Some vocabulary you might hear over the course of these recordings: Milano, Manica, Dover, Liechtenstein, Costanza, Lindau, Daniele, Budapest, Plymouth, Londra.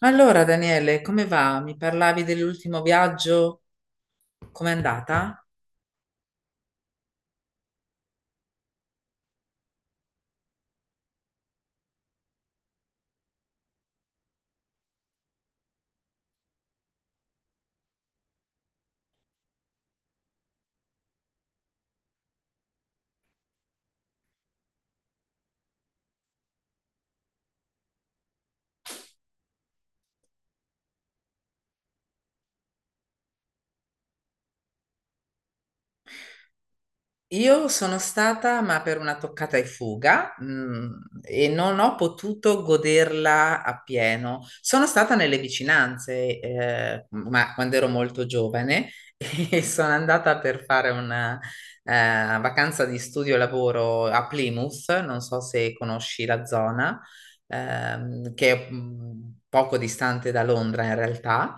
Allora, Daniele, come va? Mi parlavi dell'ultimo viaggio? Com'è andata? Io sono stata, ma per una toccata e fuga, e non ho potuto goderla appieno. Sono stata nelle vicinanze, ma quando ero molto giovane. E sono andata per fare una, eh, vacanza di studio e lavoro a Plymouth, non so se conosci la zona. Che è poco distante da Londra in realtà.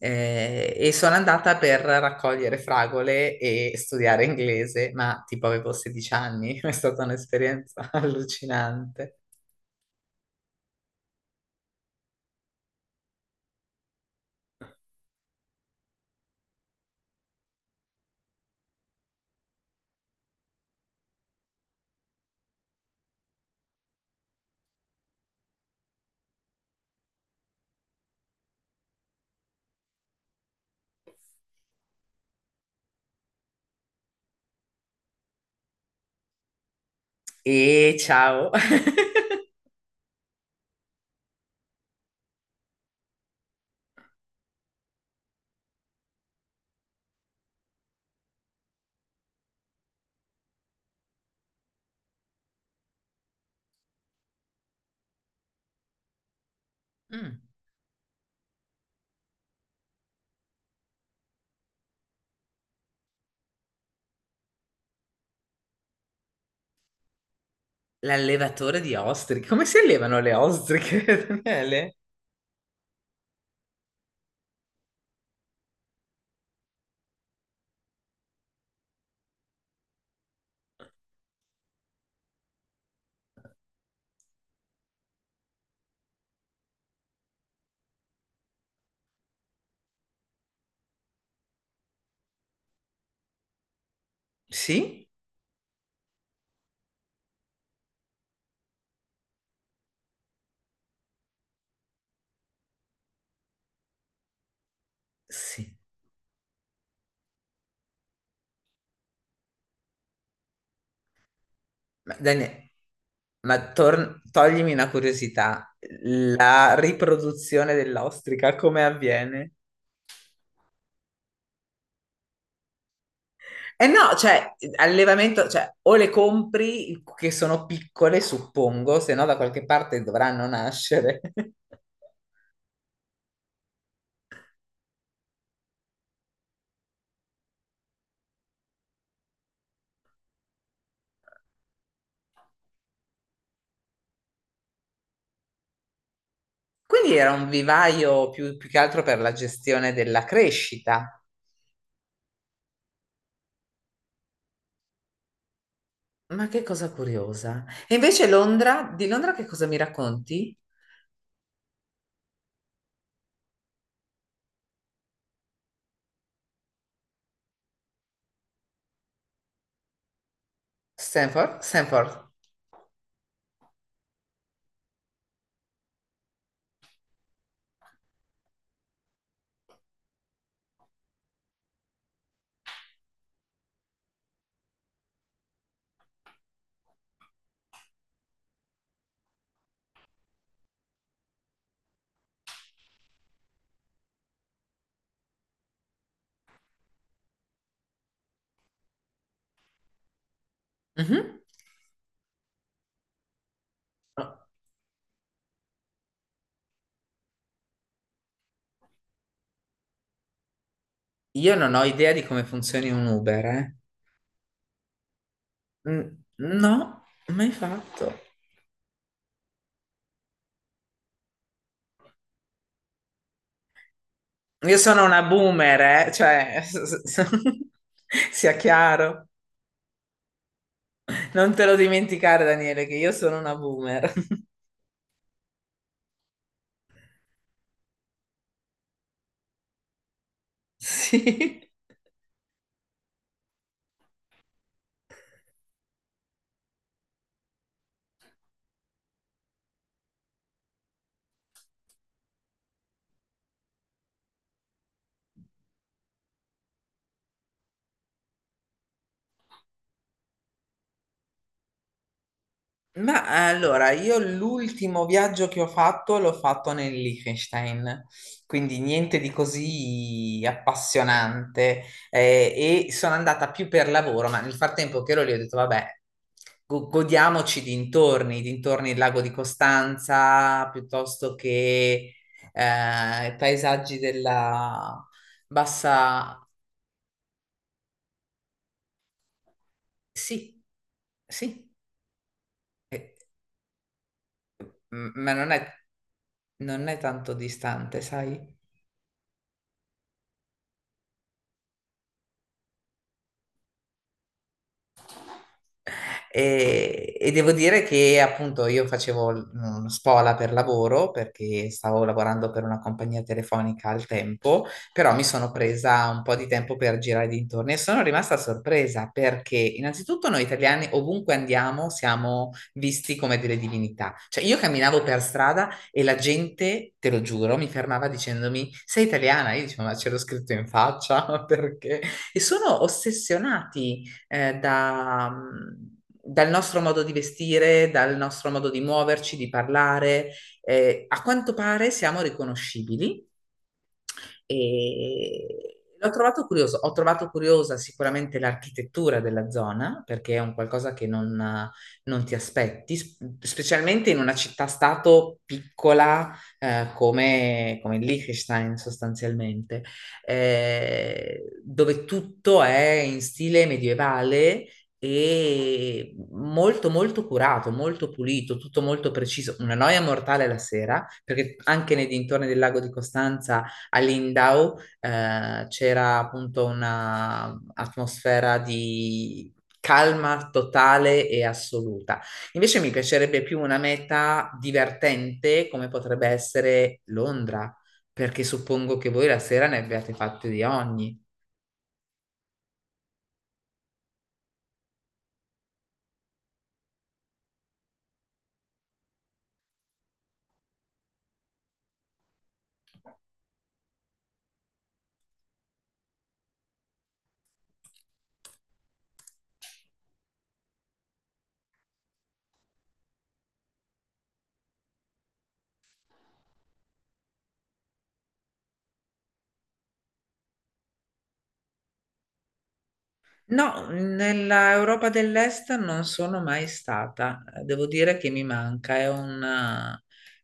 E sono andata per raccogliere fragole e studiare inglese, ma tipo avevo 16 anni. È stata un'esperienza allucinante. E ciao! Mm. L'allevatore di ostriche. Come si allevano le ostriche, Daniele? Sì? Sì. Ma, Daniele, ma toglimi una curiosità. La riproduzione dell'ostrica come avviene? Eh no, cioè, allevamento, cioè, o le compri che sono piccole, suppongo, se no da qualche parte dovranno nascere. Quindi era un vivaio più, più che altro per la gestione della crescita. Ma che cosa curiosa. E invece Londra, di Londra che cosa mi racconti? Stanford? Stanford. Mhm. Io non ho idea di come funzioni un Uber, eh. Mm. No, mai fatto. Io sono una boomer, cioè, sia chiaro. Non te lo dimenticare, Daniele, che io sono una boomer. Sì. Ma allora, io l'ultimo viaggio che ho fatto l'ho fatto nel Liechtenstein, quindi niente di così appassionante e sono andata più per lavoro, ma nel frattempo che ero lì ho detto, vabbè, godiamoci i dintorni del lago di Costanza, piuttosto che i paesaggi della bassa... Sì, sì. Eh, ma non è, non è tanto distante, sai? E devo dire che appunto io facevo uno spola per lavoro perché stavo lavorando per una compagnia telefonica al tempo, però mi sono presa un po' di tempo per girare dintorni e sono rimasta sorpresa perché innanzitutto noi italiani ovunque andiamo siamo visti come delle divinità. Cioè io camminavo per strada e la gente, te lo giuro, mi fermava dicendomi sei italiana? Io dicevo ma ce l'ho scritto in faccia perché? E sono ossessionati da, dal nostro modo di vestire, dal nostro modo di muoverci, di parlare. A quanto pare siamo riconoscibili e l'ho trovato curioso. Ho trovato curiosa sicuramente l'architettura della zona, perché è un qualcosa che non, non ti aspetti, specialmente in una città-stato piccola come, come Liechtenstein sostanzialmente, dove tutto è in stile medievale e molto curato, molto pulito, tutto molto preciso. Una noia mortale la sera, perché anche nei dintorni del lago di Costanza a Lindau c'era appunto un'atmosfera di calma totale e assoluta. Invece mi piacerebbe più una meta divertente come potrebbe essere Londra, perché suppongo che voi la sera ne abbiate fatte di ogni. No, nella Europa dell'Est non sono mai stata. Devo dire che mi manca,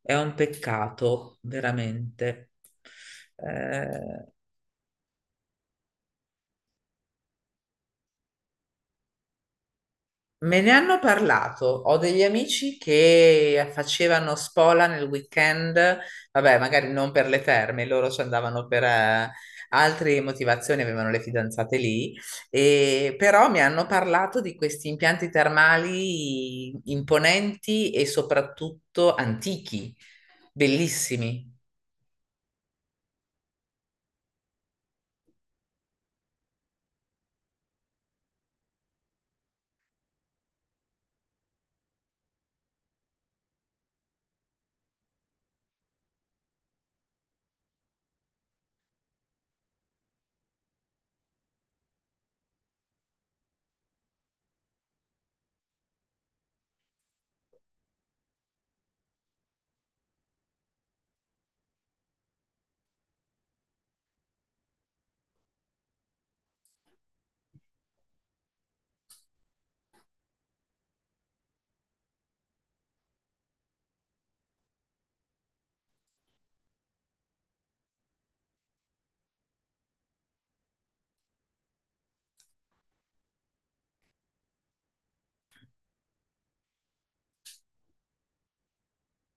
è un peccato, veramente. Eh, Me ne hanno parlato, ho degli amici che facevano spola nel weekend, vabbè, magari non per le terme, loro ci andavano per altre motivazioni, avevano le fidanzate lì, e, però mi hanno parlato di questi impianti termali imponenti e soprattutto antichi, bellissimi.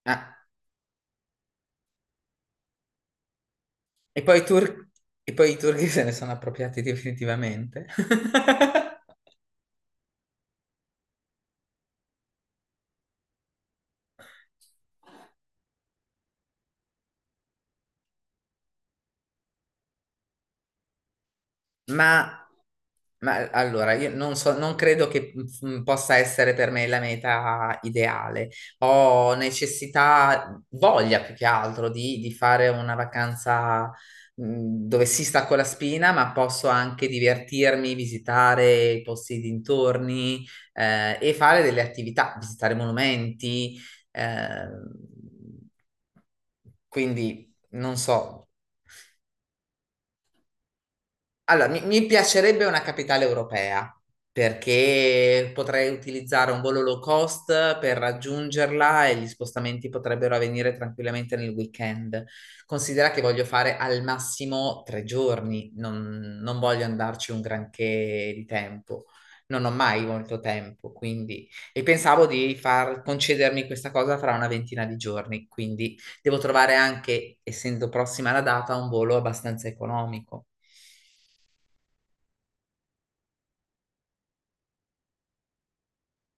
Ah, e poi i tur- e poi i turchi se ne sono appropriati definitivamente. Ma, ma allora, io non so, non credo che possa essere per me la meta ideale. Ho necessità, voglia più che altro di fare una vacanza dove si stacco la spina, ma posso anche divertirmi, visitare i posti dintorni e fare delle attività, visitare monumenti. Eh, quindi non so. Allora, mi piacerebbe una capitale europea perché potrei utilizzare un volo low cost per raggiungerla e gli spostamenti potrebbero avvenire tranquillamente nel weekend. Considera che voglio fare al massimo 3 giorni, non, non voglio andarci un granché di tempo. Non ho mai molto tempo, quindi... E pensavo di far concedermi questa cosa fra una ventina di giorni, quindi devo trovare anche, essendo prossima la data, un volo abbastanza economico.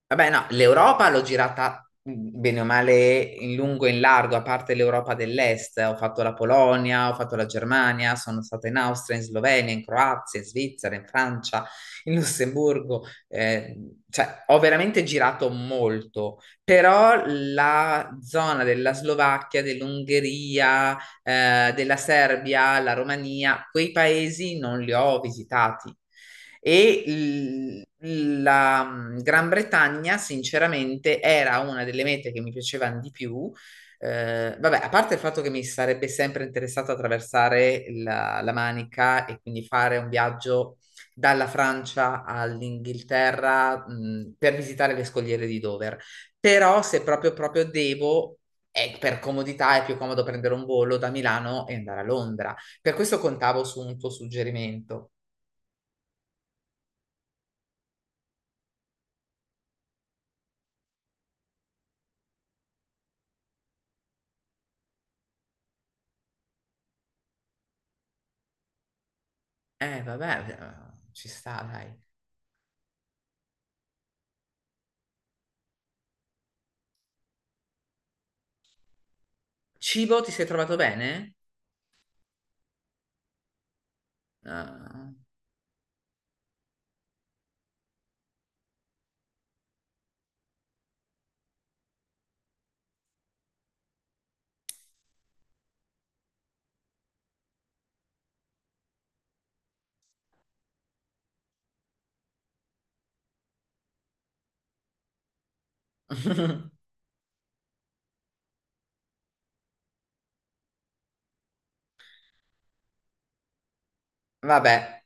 Vabbè, no, l'Europa l'ho girata bene o male in lungo e in largo, a parte l'Europa dell'Est. Ho fatto la Polonia, ho fatto la Germania, sono stata in Austria, in Slovenia, in Croazia, in Svizzera, in Francia, in Lussemburgo. Cioè, ho veramente girato molto, però la zona della Slovacchia, dell'Ungheria, della Serbia, la Romania, quei paesi non li ho visitati. E la Gran Bretagna, sinceramente, era una delle mete che mi piacevano di più. Vabbè, a parte il fatto che mi sarebbe sempre interessato attraversare la, la Manica e quindi fare un viaggio dalla Francia all'Inghilterra, per visitare le scogliere di Dover. Però se proprio proprio devo, è per comodità è più comodo prendere un volo da Milano e andare a Londra. Per questo contavo su un tuo suggerimento. Vabbè, ci sta, dai. Cibo, ti sei trovato bene? Ah, vabbè,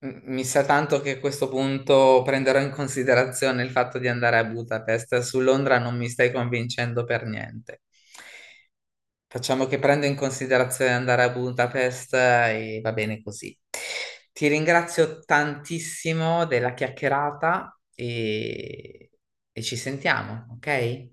mi sa tanto che a questo punto prenderò in considerazione il fatto di andare a Budapest. Su Londra non mi stai convincendo per niente. Facciamo che prendo in considerazione andare a Budapest e va bene così. Ti ringrazio tantissimo della chiacchierata e ci sentiamo, ok?